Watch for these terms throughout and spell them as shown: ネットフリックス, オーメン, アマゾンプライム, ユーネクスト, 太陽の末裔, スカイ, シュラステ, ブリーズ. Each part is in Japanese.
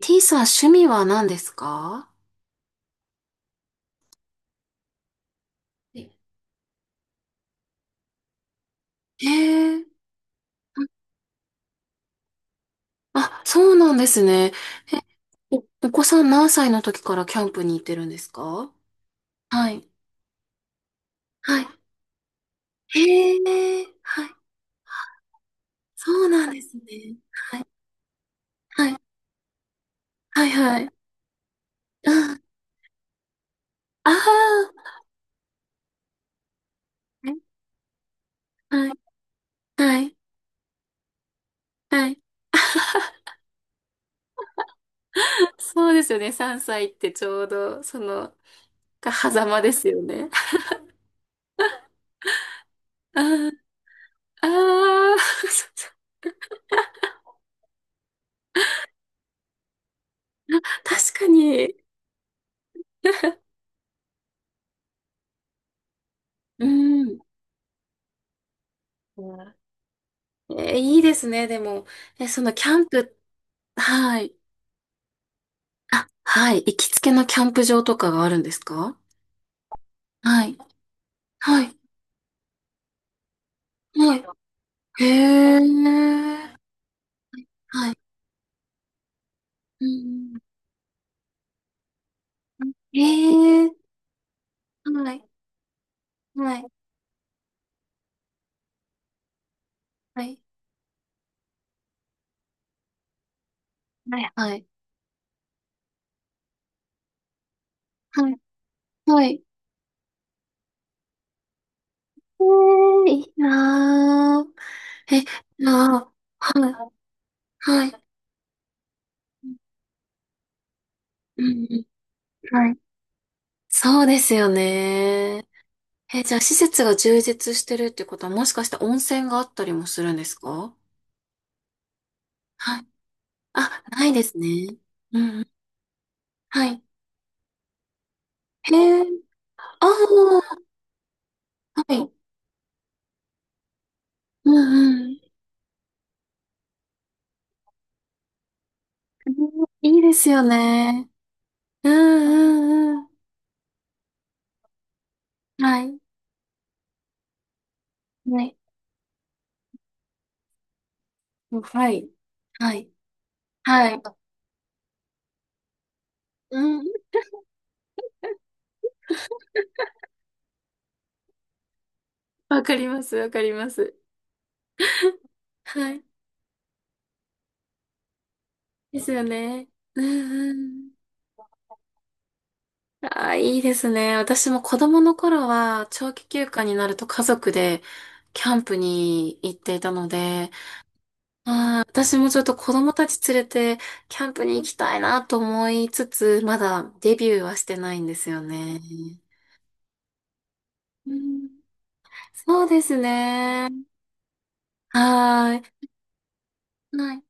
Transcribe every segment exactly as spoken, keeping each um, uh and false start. T さん、趣味は何ですか？へえー。あ、そうなんですね。え、お、お子さん何歳の時からキャンプに行ってるんですか？はい。はい。へえ。はい。そうなんですね。はい。はい。はい。はい。うん。ああ。はい。はい。はい。そうですよね。さんさいってちょうど、その、が狭間ですよね。ああ。ああ。確かに。うん。えーいいですね、でも。え、そのキャンプ、はい。あ、はい。行きつけのキャンプ場とかがあるんですか？はい。はい。はい。へえ。はい。うん。ええ。はい。はい。はい。はい。はい。はい。はい。ええ、いいなー。え、なあ、はい。はい。うん。うんはい。そうですよねえ、じゃあ施設が充実してるってことはもしかして温泉があったりもするんですか？はい。あ、ないですね。うんうん。はい。へえ、ああ、はい。うんうん。うんいいですよね。うんうんうん。はい。はい。はい。はい。はい。うん。わかります、わかります。はい。ですよね。うんうん。ああ、いいですね。私も子供の頃は長期休暇になると家族でキャンプに行っていたので、ああ、私もちょっと子供たち連れてキャンプに行きたいなと思いつつ、まだデビューはしてないんですよね。うん、そうですね。はーい。はい。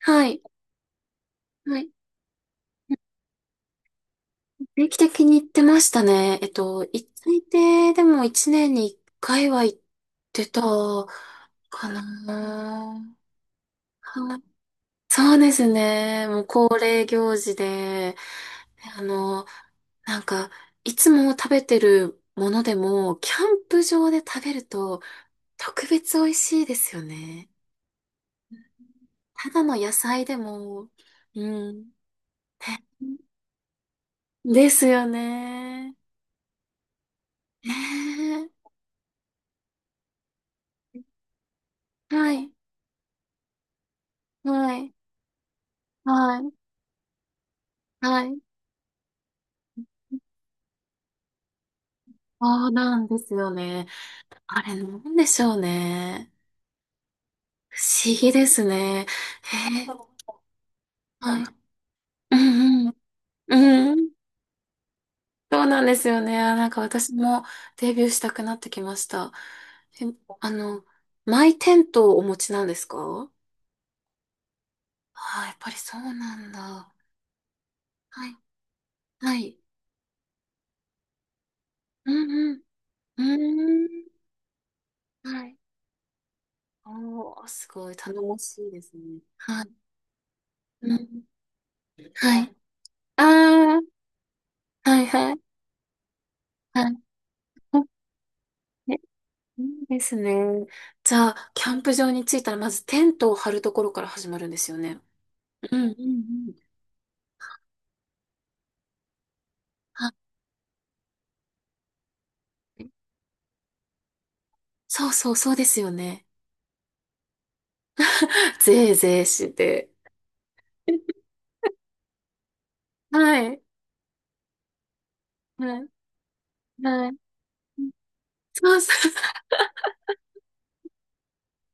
はい。はい。定期的に行ってましたね。えっと、一最低でも一年に一回は行ってたかな。あそうですね。もう恒例行事で、あの、なんか、いつも食べてるものでも、キャンプ場で食べると特別美味しいですよね。ただの野菜でも、うん。ねですよね。ねえ。はい。はい。はい。はい。そうなんですよね。あれ、なんでしょうね。不思議ですね。へえ。はい。うんうんうん、そうなんですよね。あなんか私もデビューしたくなってきました。え、あの、マイテントをお持ちなんですか？ああ、やっぱりそうなんだ。はい、はい。うんうん。うーん。はい。おー、すごい、頼もしいですね。はい。うん。はい。ああ、はいはい。はい。ねいいですね。じゃあ、キャンプ場に着いたら、まずテントを張るところから始まるんですよね。うんうんうん。はいそうそう、そうですよね。ぜーぜーして。はい。はい。はい。そうそう。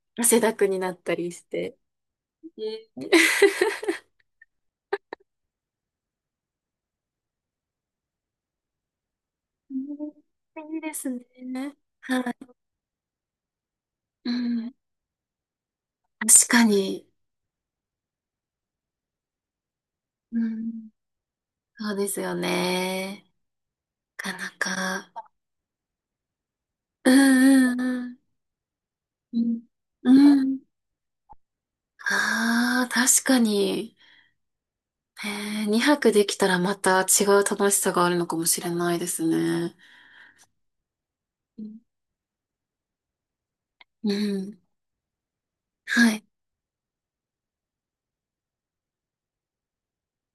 汗だくになったりして。えー、いいですね。はい。うん。確かに。うん。そうですよね。なかなか。うんうんうん。うん。うん。ああ、確かに。ねえー、にはくできたらまた違う楽しさがあるのかもしれないですね。うん。うんはい。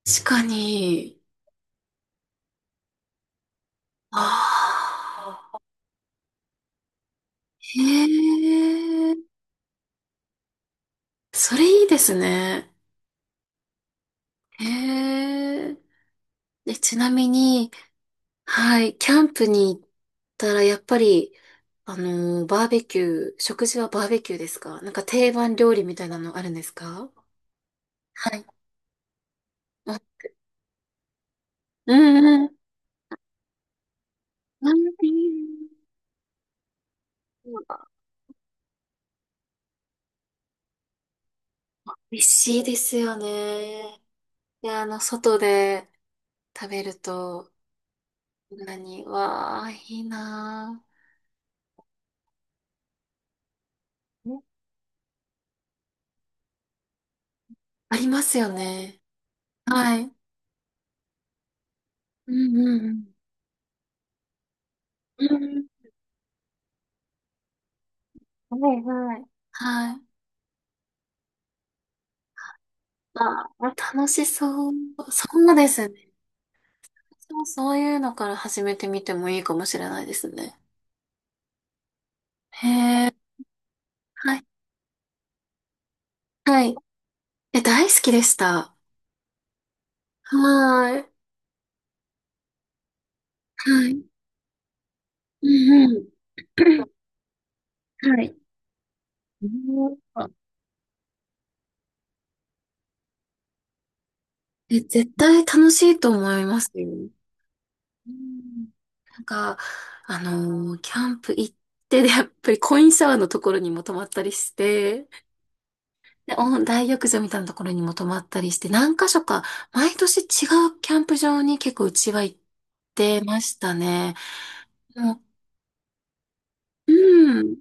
確かに。ああ。へえ。それいいですね。へえ。で、ちなみに、はい、キャンプに行ったら、やっぱり、あのーバーベキュー、食事はバーベキューですか？なんか定番料理みたいなのあるんですか？はい。あうんうん。うん美味しいですよね。で、あの、外で食べると、こんなに、わあ、いいなねありますよね。はい。うんうんうん。うんうんはいはい。はい。あ、楽しそう。そうですね。私もそういうのから始めてみてもいいかもしれないですね。へえ。はい。はい。え、大好きでした。はーい。はい。うんうん。はい。うんえ、絶対楽しいと思いますよ。うんなんか、あのーキャンプ行って、で、やっぱりコインシャワーのところにも泊まったりして、で、お大浴場みたいなところにも泊まったりして、何箇所か、毎年違うキャンプ場に結構うちは行ってましたね。もう、うん、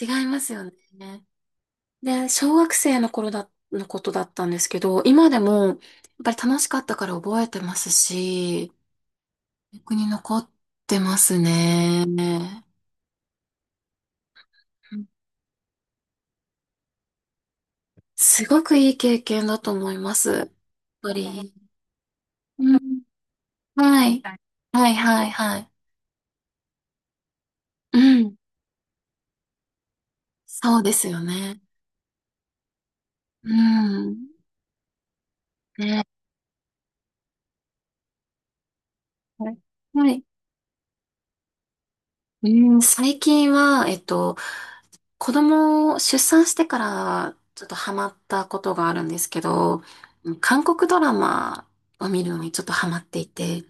違いますよね。で、小学生の頃だ、のことだったんですけど、今でも、やっぱり楽しかったから覚えてますし、記に残ってますね。うんすごくいい経験だと思います。やっぱり。うん、はい。はいはいはい。うん。そうですよね。うん。ね、はい。はい。うん、最近は、えっと、子供を出産してから、ちょっとハマったことがあるんですけど、韓国ドラマを見るのにちょっとハマっていて、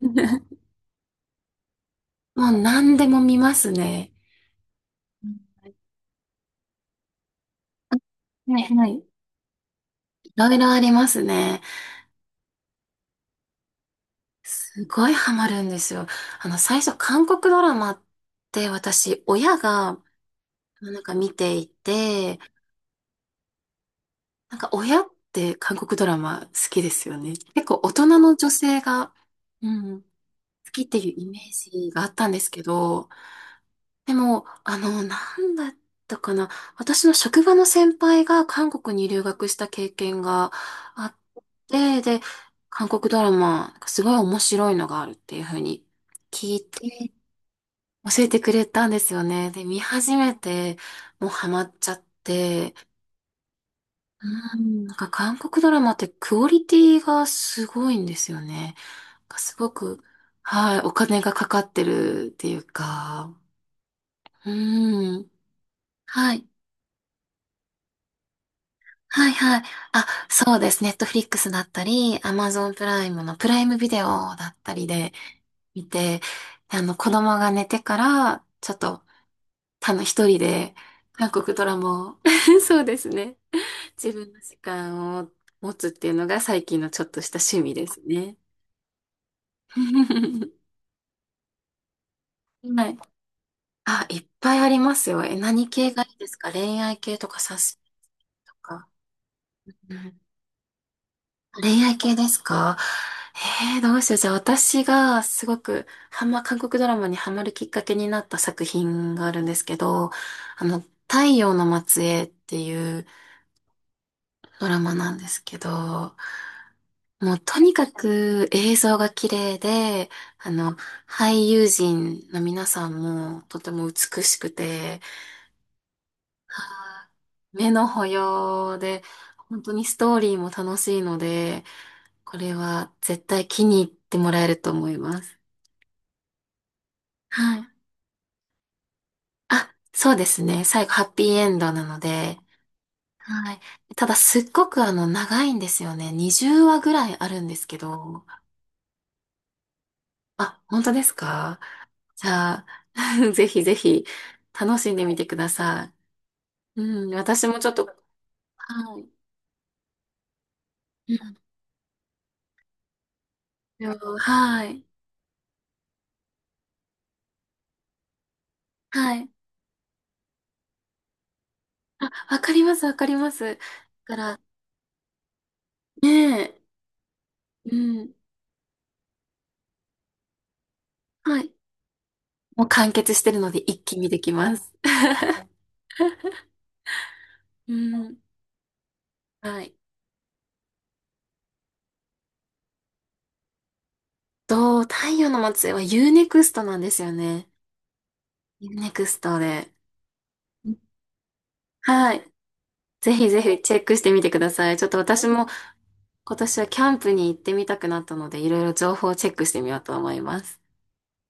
もう何でも見ますね。うんはいはい。いろいろありますね。すごいハマるんですよ。あの、最初、韓国ドラマって私、親が、なんか見ていて、なんか親って韓国ドラマ好きですよね。結構大人の女性が、うん、好きっていうイメージがあったんですけど、でも、あの、なんだったかな。私の職場の先輩が韓国に留学した経験があって、で、韓国ドラマ、なんかすごい面白いのがあるっていうふうに聞いて、教えてくれたんですよね。で、見始めて、もうハマっちゃって、うん、なんか韓国ドラマってクオリティがすごいんですよね。なんかすごく、はい、お金がかかってるっていうか、うん。はい。はいはい。あ、そうです。ネットフリックスだったり、アマゾンプライムのプライムビデオだったりで見て、あの、子供が寝てから、ちょっと、たの一人で、韓国ドラマを、そうですね。自分の時間を持つっていうのが最近のちょっとした趣味ですね。はい。あ、いっぱいありますよ。え、何系がいいですか？恋愛系とかサスペとか。うん、恋愛系ですか？えー、どうしよう。じゃあ私がすごくハマ、韓国ドラマにハマるきっかけになった作品があるんですけど、あの、太陽の末裔っていうドラマなんですけど、もうとにかく映像が綺麗で、あの、俳優陣の皆さんもとても美しくて、はい目の保養で、本当にストーリーも楽しいので、これは絶対気に入ってもらえると思います。はい。あ、そうですね。最後、ハッピーエンドなので、はい。ただ、すっごくあの、長いんですよね。にじゅうわぐらいあるんですけど。あ、本当ですか？じゃあ、ぜひぜひ、楽しんでみてください。うん、私もちょっと、はい。うんはい。はい。はいあ、わかります、わかります。だから、ねえ。うん。はい。もう完結してるので一気にできます。うん。はい。と、太陽の末裔はユーネクストなんですよね。ユーネクストで。うんはい。ぜひぜひチェックしてみてください。ちょっと私も今年はキャンプに行ってみたくなったので、いろいろ情報をチェックしてみようと思います。